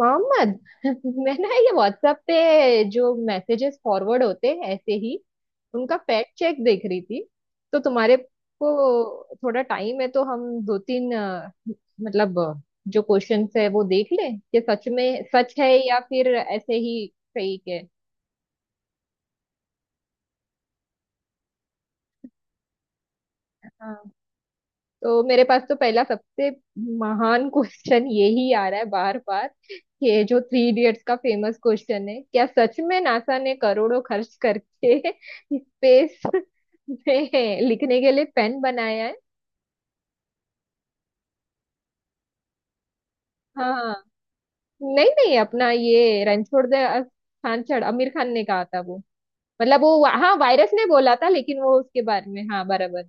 मोहम्मद। मैं ना ये व्हाट्सएप पे जो मैसेजेस फॉरवर्ड होते हैं ऐसे ही उनका फैक्ट चेक देख रही थी। तो तुम्हारे को थोड़ा टाइम है तो हम दो तीन मतलब जो क्वेश्चंस है वो देख लें कि सच में सच है या फिर ऐसे ही फेक है। तो मेरे पास तो पहला सबसे महान क्वेश्चन यही आ रहा है बार बार। ये जो थ्री इडियट्स का फेमस क्वेश्चन है, क्या सच में नासा ने करोड़ों खर्च करके स्पेस में लिखने के लिए पेन बनाया है? हाँ। नहीं नहीं, अपना ये रणछोड़ दे खान चढ़ आमिर खान ने कहा था वो। मतलब वो, हाँ, वायरस ने बोला था लेकिन वो उसके बारे में, हाँ, बराबर।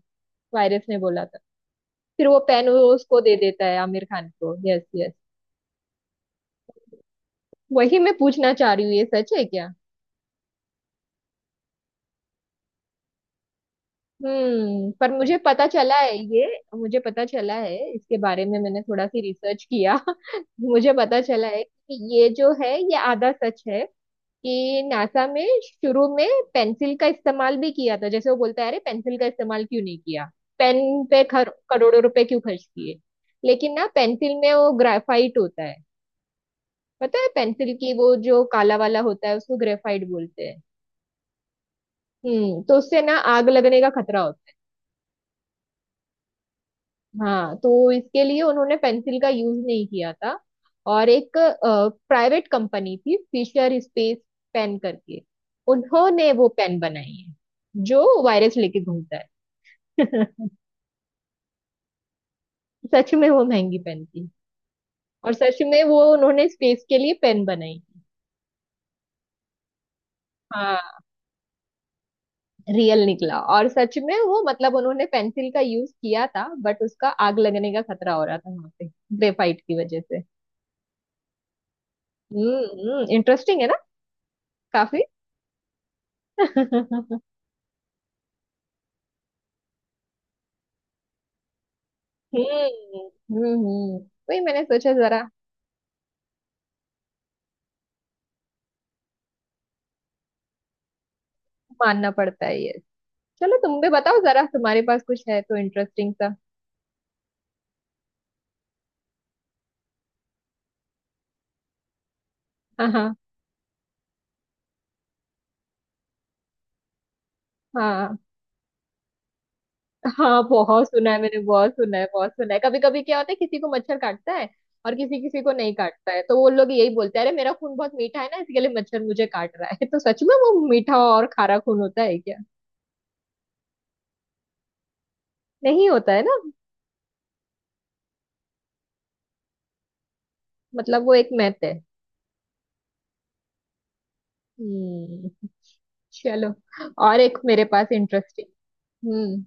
वायरस ने बोला था। फिर वो पेन वो उसको दे देता है आमिर खान को। Yes yes. वही मैं पूछना चाह रही हूँ, ये सच है क्या? हम्म, पर मुझे पता चला है ये। मुझे पता चला है इसके बारे में, मैंने थोड़ा सी रिसर्च किया। मुझे पता चला है कि ये जो है ये आधा सच है। कि नासा में शुरू में पेंसिल का इस्तेमाल भी किया था, जैसे वो बोलता है अरे पेंसिल का इस्तेमाल क्यों नहीं किया, पेन पे करोड़ों रुपए क्यों खर्च किए। लेकिन ना पेंसिल में वो ग्रेफाइट होता है। पता है पेंसिल की वो जो काला वाला होता है उसको ग्रेफाइट बोलते हैं। तो उससे ना आग लगने का खतरा होता है। हाँ, तो इसके लिए उन्होंने पेंसिल का यूज नहीं किया था। और एक प्राइवेट कंपनी थी, फिशर स्पेस पेन करके, उन्होंने वो पेन बनाई है जो वायरस लेके घूमता है। सच में वो महंगी पेन थी, और सच में वो उन्होंने स्पेस के लिए पेन बनाई थी। हाँ, रियल निकला। और सच में वो मतलब उन्होंने पेंसिल का यूज किया था, बट उसका आग लगने का खतरा हो रहा था वहां पे ग्रेफाइट की वजह से। हम्म, इंटरेस्टिंग है ना, काफी। हम्म हम्म हम्म। वही मैंने सोचा जरा। मानना पड़ता है ये। चलो, तुम भी बताओ जरा, तुम्हारे पास कुछ है तो इंटरेस्टिंग सा। हाँ हाँ हाँ हाँ, बहुत सुना है मैंने, बहुत सुना है, बहुत सुना है। कभी कभी क्या होता है, किसी को मच्छर काटता है और किसी किसी को नहीं काटता है, तो वो लोग यही बोलते हैं अरे मेरा खून बहुत मीठा है ना इसके लिए मच्छर मुझे काट रहा है। तो सच में वो मीठा और खारा खून होता है क्या? नहीं होता है ना। मतलब वो एक मैथ है। हम्म। चलो, और एक मेरे पास इंटरेस्टिंग। हम्म।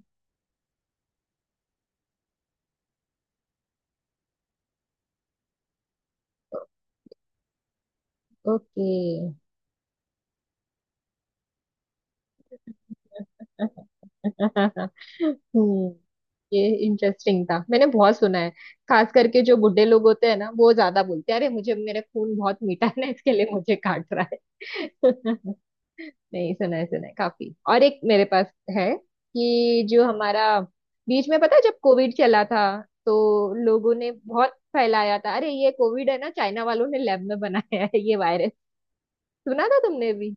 ओके। हम्म, ये इंटरेस्टिंग था, मैंने बहुत सुना है, खास करके जो बुड्ढे लोग होते हैं ना वो ज्यादा बोलते हैं अरे मुझे मेरा खून बहुत मीठा है ना इसके लिए मुझे काट रहा है। नहीं, सुना है, सुना है काफी। और एक मेरे पास है, कि जो हमारा बीच में पता है जब कोविड चला था तो लोगों ने बहुत फैलाया था अरे ये कोविड है ना चाइना वालों ने लैब में बनाया है ये वायरस। सुना था तुमने भी?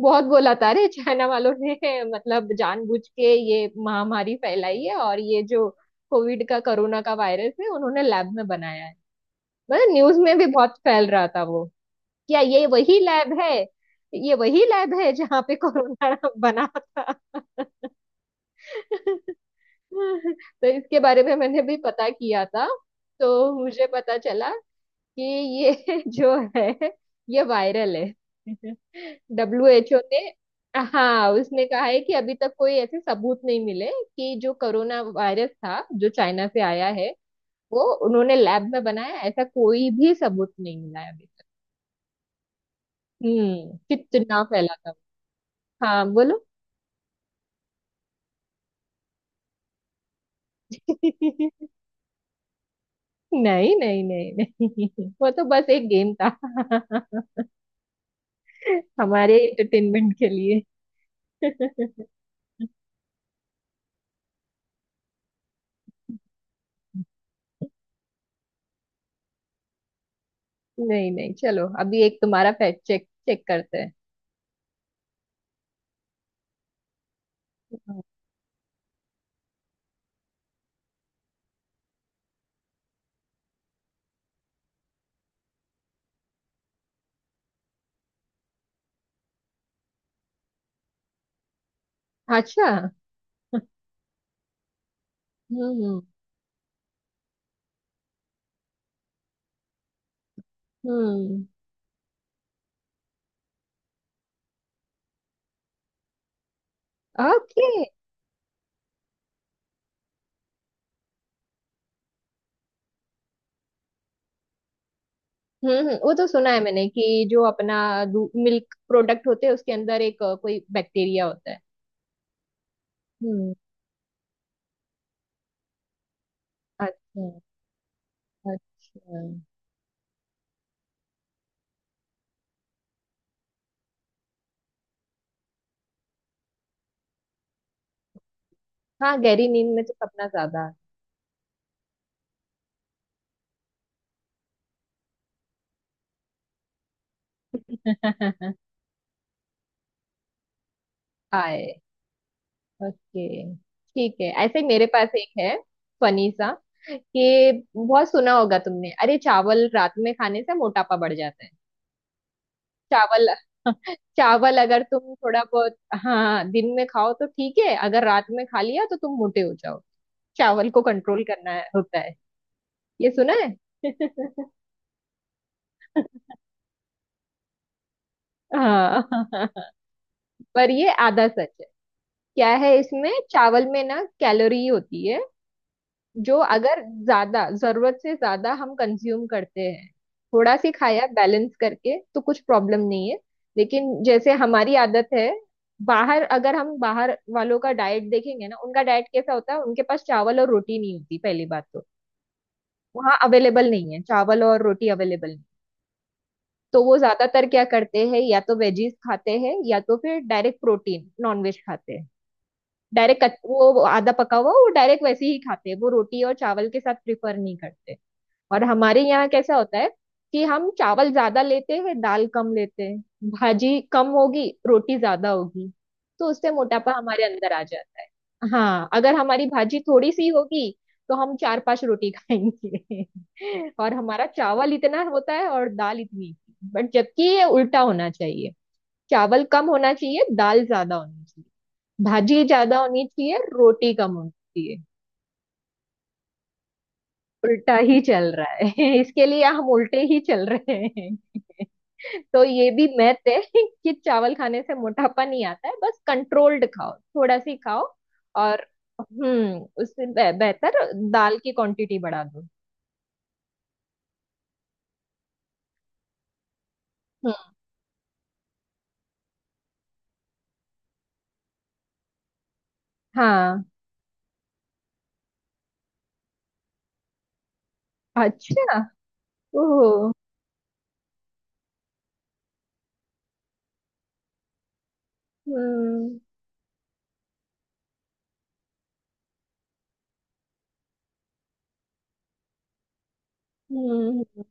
बहुत बोला था अरे चाइना वालों ने मतलब जानबूझ के ये महामारी फैलाई है, और ये जो कोविड का कोरोना का वायरस है उन्होंने लैब में बनाया है। मतलब न्यूज में भी बहुत फैल रहा था वो। क्या ये वही लैब है? ये वही लैब है जहाँ पे कोरोना बना था। तो इसके बारे में मैंने भी पता किया था। तो मुझे पता चला कि ये जो है ये वायरल है। डब्ल्यू एच ओ ने, हाँ, उसने कहा है कि अभी तक कोई ऐसे सबूत नहीं मिले कि जो कोरोना वायरस था जो चाइना से आया है वो उन्होंने लैब में बनाया, ऐसा कोई भी सबूत नहीं मिला है अभी तक। हम्म, कितना फैला था। हाँ बोलो। नहीं नहीं नहीं नहीं, वो तो बस एक गेम था। हमारे एंटरटेनमेंट के लिए। नहीं नहीं, चलो अभी एक तुम्हारा फैक्ट चेक चेक करते हैं। अच्छा। Hmm hmm. Okay okay. वो तो सुना है मैंने कि जो अपना मिल्क प्रोडक्ट होते हैं उसके अंदर एक कोई बैक्टीरिया होता है। हम्म। अच्छा। अच्छा। हाँ गहरी नींद में तो सपना ज्यादा आता है। आए। ओके ठीक है, ऐसे ही मेरे पास एक है, फनी सा, कि बहुत सुना होगा तुमने अरे चावल रात में खाने से मोटापा बढ़ जाता है। चावल। चावल अगर तुम थोड़ा बहुत, हाँ, दिन में खाओ तो ठीक है, अगर रात में खा लिया तो तुम मोटे हो जाओ। चावल को कंट्रोल करना है, होता है। ये सुना है। हाँ। पर ये आधा सच है। क्या है इसमें, चावल में ना कैलोरी होती है जो अगर ज्यादा जरूरत से ज्यादा हम कंज्यूम करते हैं, थोड़ा सी खाया बैलेंस करके तो कुछ प्रॉब्लम नहीं है। लेकिन जैसे हमारी आदत है, बाहर अगर हम बाहर वालों का डाइट देखेंगे ना, उनका डाइट कैसा होता है, उनके पास चावल और रोटी नहीं होती पहली बात तो। वहाँ अवेलेबल नहीं है, चावल और रोटी अवेलेबल नहीं। तो वो ज्यादातर क्या करते हैं, या तो वेजीज खाते हैं या तो फिर डायरेक्ट प्रोटीन नॉनवेज खाते हैं। डायरेक्ट वो आधा पका हुआ वो डायरेक्ट वैसे ही खाते हैं, वो रोटी और चावल के साथ प्रिफर नहीं करते। और हमारे यहाँ कैसा होता है, कि हम चावल ज्यादा लेते हैं दाल कम लेते हैं, भाजी कम होगी रोटी ज्यादा होगी, तो उससे मोटापा हमारे अंदर आ जाता है। हाँ, अगर हमारी भाजी थोड़ी सी होगी तो हम चार पांच रोटी खाएंगे। और हमारा चावल इतना होता है और दाल इतनी, बट जबकि ये उल्टा होना चाहिए। चावल कम होना चाहिए दाल ज्यादा होनी चाहिए, भाजी ज्यादा होनी चाहिए रोटी कम होनी चाहिए। उल्टा ही चल रहा है। इसके लिए हम उल्टे ही चल रहे। तो ये भी मैथ है कि चावल खाने से मोटापा नहीं आता है, बस कंट्रोल्ड खाओ थोड़ा सी खाओ। और उससे बेहतर दाल की क्वांटिटी बढ़ा दो। हम्म, हाँ। अच्छा। ओह। हम्म हम्म।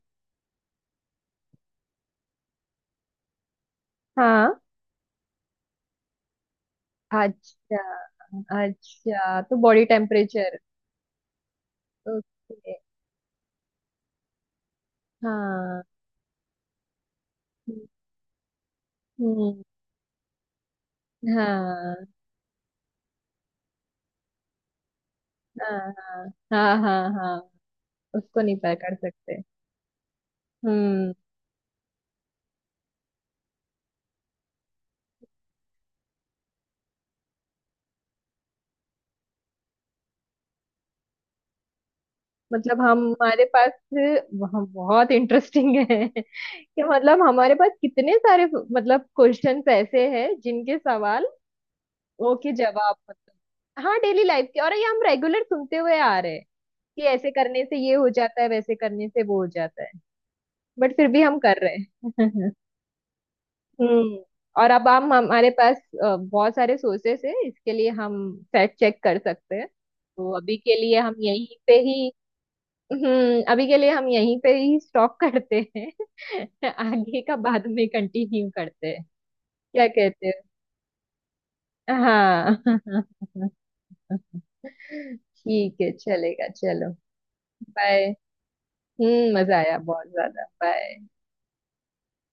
हाँ। अच्छा। अच्छा तो बॉडी टेम्परेचर। ओके। हाँ। हम्म। हाँ हाँ हाँ हाँ। हाँ हाँ। उसको नहीं पकड़ सकते। हम्म। मतलब हमारे पास बहुत इंटरेस्टिंग है कि मतलब हमारे पास कितने सारे मतलब क्वेश्चंस ऐसे हैं जिनके सवाल वो के जवाब मतलब, हाँ, डेली लाइफ के, और ये हम रेगुलर सुनते हुए आ रहे हैं कि ऐसे करने से ये हो जाता है वैसे करने से वो हो जाता है, बट फिर भी हम कर रहे हैं। हम्म। और अब हम हमारे पास बहुत सारे सोर्सेस है, इसके लिए हम फैक्ट चेक कर सकते हैं। तो अभी के लिए हम यहीं पे ही, हम्म, अभी के लिए हम यहीं पे ही स्टॉप करते हैं। आगे का बाद में कंटिन्यू करते हैं, क्या कहते हो? हाँ। ठीक है चलेगा, चलो, बाय। हम्म, मजा आया बहुत ज्यादा, बाय।